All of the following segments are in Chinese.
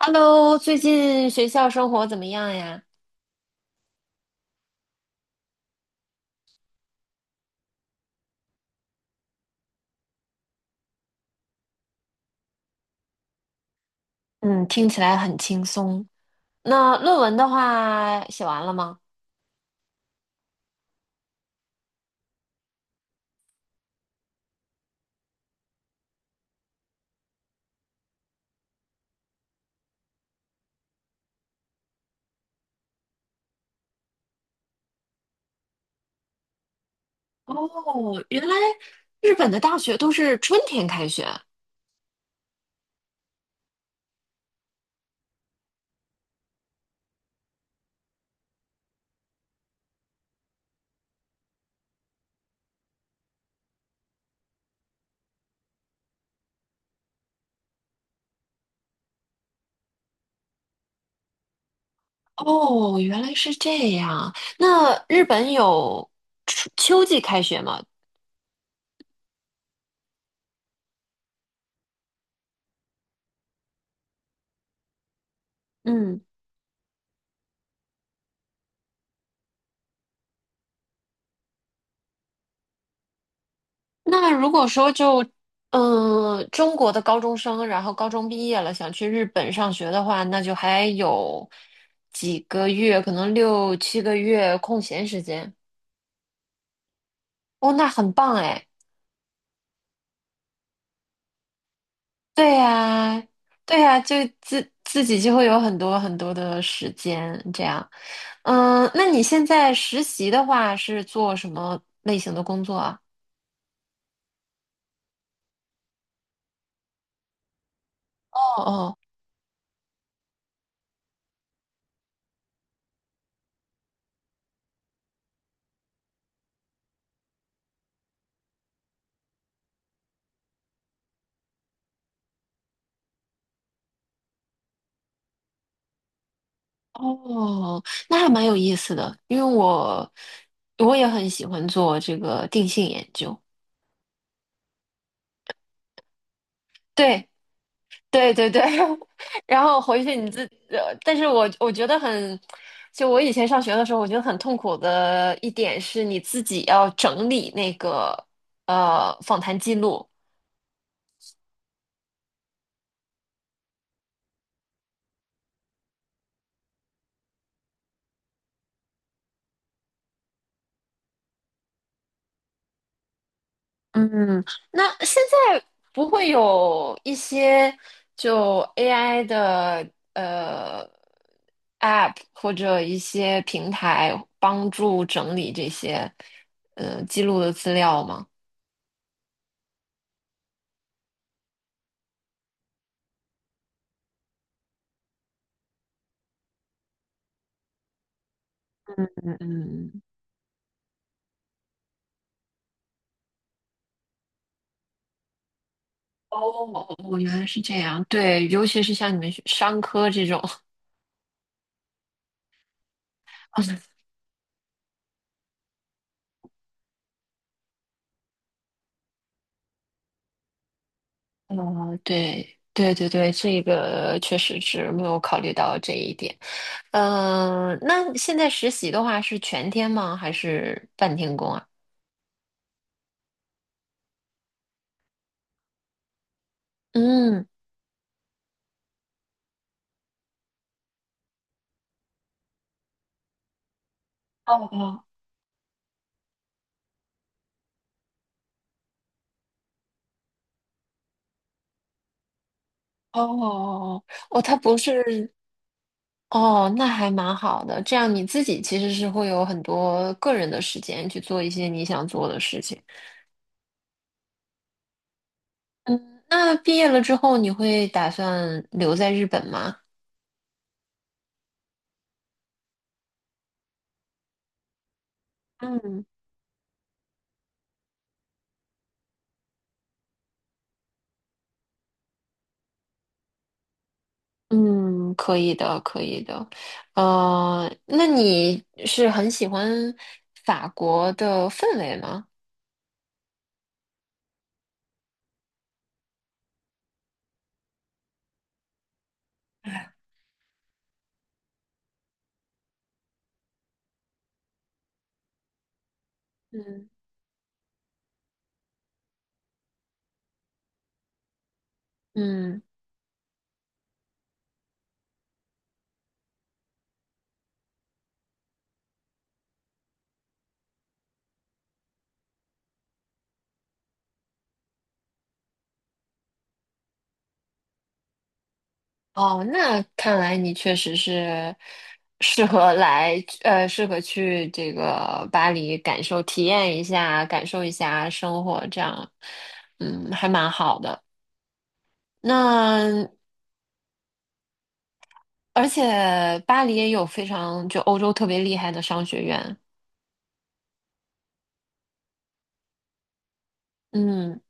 Hello，最近学校生活怎么样呀？嗯，听起来很轻松。那论文的话，写完了吗？哦，原来日本的大学都是春天开学。哦，原来是这样。那日本有春秋季开学吗？嗯，那如果说就，嗯、中国的高中生，然后高中毕业了，想去日本上学的话，那就还有几个月，可能六七个月空闲时间。哦，那很棒哎！对呀，对呀，就自己就会有很多很多的时间这样。嗯，那你现在实习的话是做什么类型的工作啊？哦哦哦，那还蛮有意思的，因为我也很喜欢做这个定性研究。对。对对对，然后回去你自，但是我我觉得很，就我以前上学的时候，我觉得很痛苦的一点是你自己要整理那个访谈记录。嗯，那现在不会有一些就 AI 的 App 或者一些平台帮助整理这些记录的资料吗？嗯嗯。哦，哦原来是这样。对，尤其是像你们学商科这种，对，对对对，这个确实是没有考虑到这一点。那现在实习的话是全天吗？还是半天工啊？嗯，哦哦哦哦哦哦，他不是哦，那还蛮好的。这样你自己其实是会有很多个人的时间去做一些你想做的事情。嗯，那毕业了之后，你会打算留在日本吗？嗯嗯，可以的，可以的。那你是很喜欢法国的氛围吗？嗯嗯，哦，那看来你确实是适合来，适合去这个巴黎感受、体验一下，感受一下生活，这样，嗯，还蛮好的。那而且巴黎也有非常就欧洲特别厉害的商学院，嗯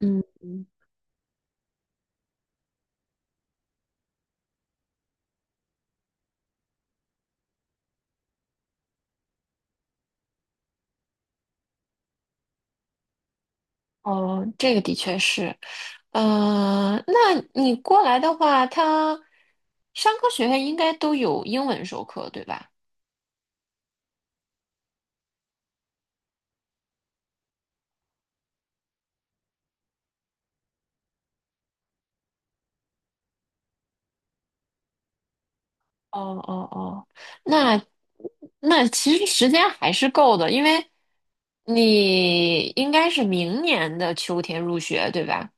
嗯。哦，这个的确是，那你过来的话，他商科学院应该都有英文授课，对吧？哦哦哦，那那其实时间还是够的，因为你应该是明年的秋天入学，对吧？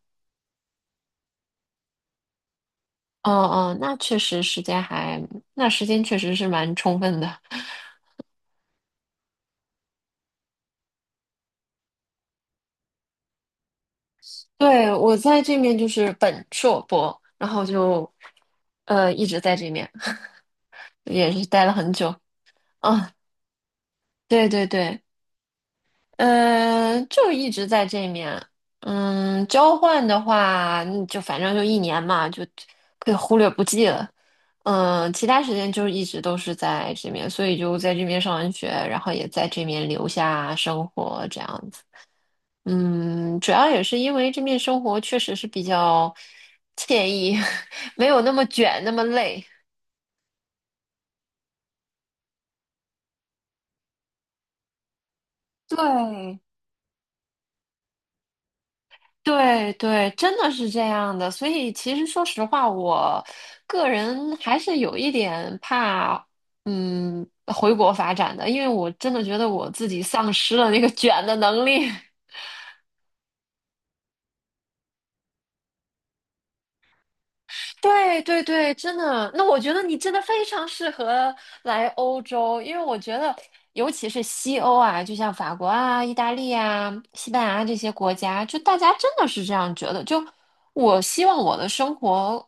哦哦，那确实时间还，那时间确实是蛮充分的。对，我在这面就是本硕博，然后就一直在这面，也是待了很久。啊，对对对，嗯，就一直在这面。嗯，交换的话，嗯就反正就一年嘛，就可以忽略不计了。嗯，其他时间就一直都是在这面，所以就在这边上完学，然后也在这面留下生活这样子。嗯，主要也是因为这面生活确实是比较惬意，没有那么卷，那么累。对，对对，真的是这样的。所以其实说实话，我个人还是有一点怕，嗯，回国发展的，因为我真的觉得我自己丧失了那个卷的能力。对对对，真的。那我觉得你真的非常适合来欧洲，因为我觉得，尤其是西欧啊，就像法国啊、意大利啊、西班牙这些国家，就大家真的是这样觉得。就我希望我的生活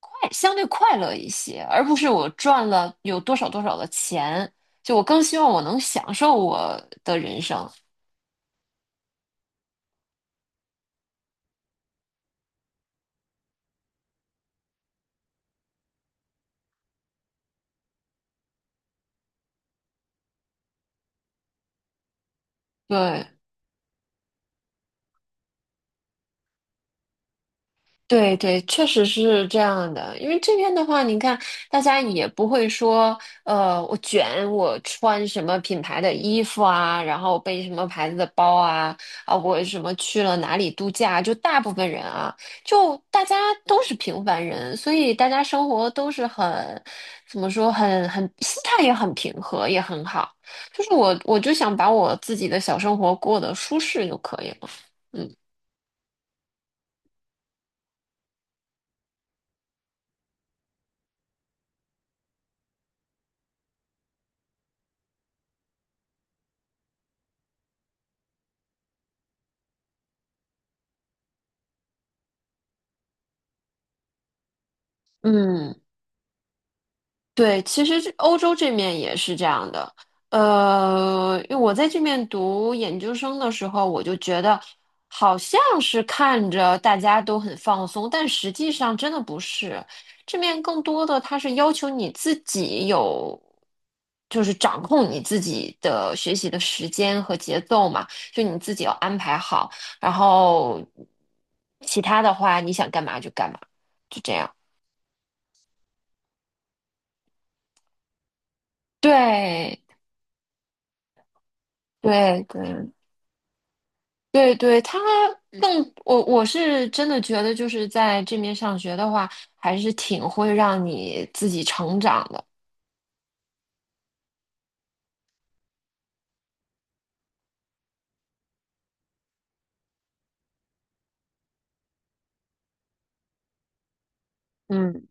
快，相对快乐一些，而不是我赚了有多少多少的钱。就我更希望我能享受我的人生。对，对对，确实是这样的。因为这边的话，你看，大家也不会说，我卷，我穿什么品牌的衣服啊，然后背什么牌子的包啊，啊，我什么去了哪里度假，就大部分人啊，就大家都是平凡人，所以大家生活都是很，怎么说，很心态也很平和，也很好。就是我，我就想把我自己的小生活过得舒适就可以了。嗯。嗯。对，其实这欧洲这面也是这样的。因为我在这面读研究生的时候，我就觉得好像是看着大家都很放松，但实际上真的不是。这面更多的它是要求你自己有，就是掌控你自己的学习的时间和节奏嘛，就你自己要安排好，然后其他的话你想干嘛就干嘛，就这样。对对对。对对，他更我是真的觉得，就是在这边上学的话，还是挺会让你自己成长的。嗯，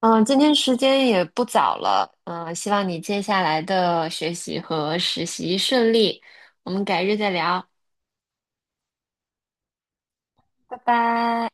嗯，今天时间也不早了，嗯，希望你接下来的学习和实习顺利，我们改日再聊，拜拜。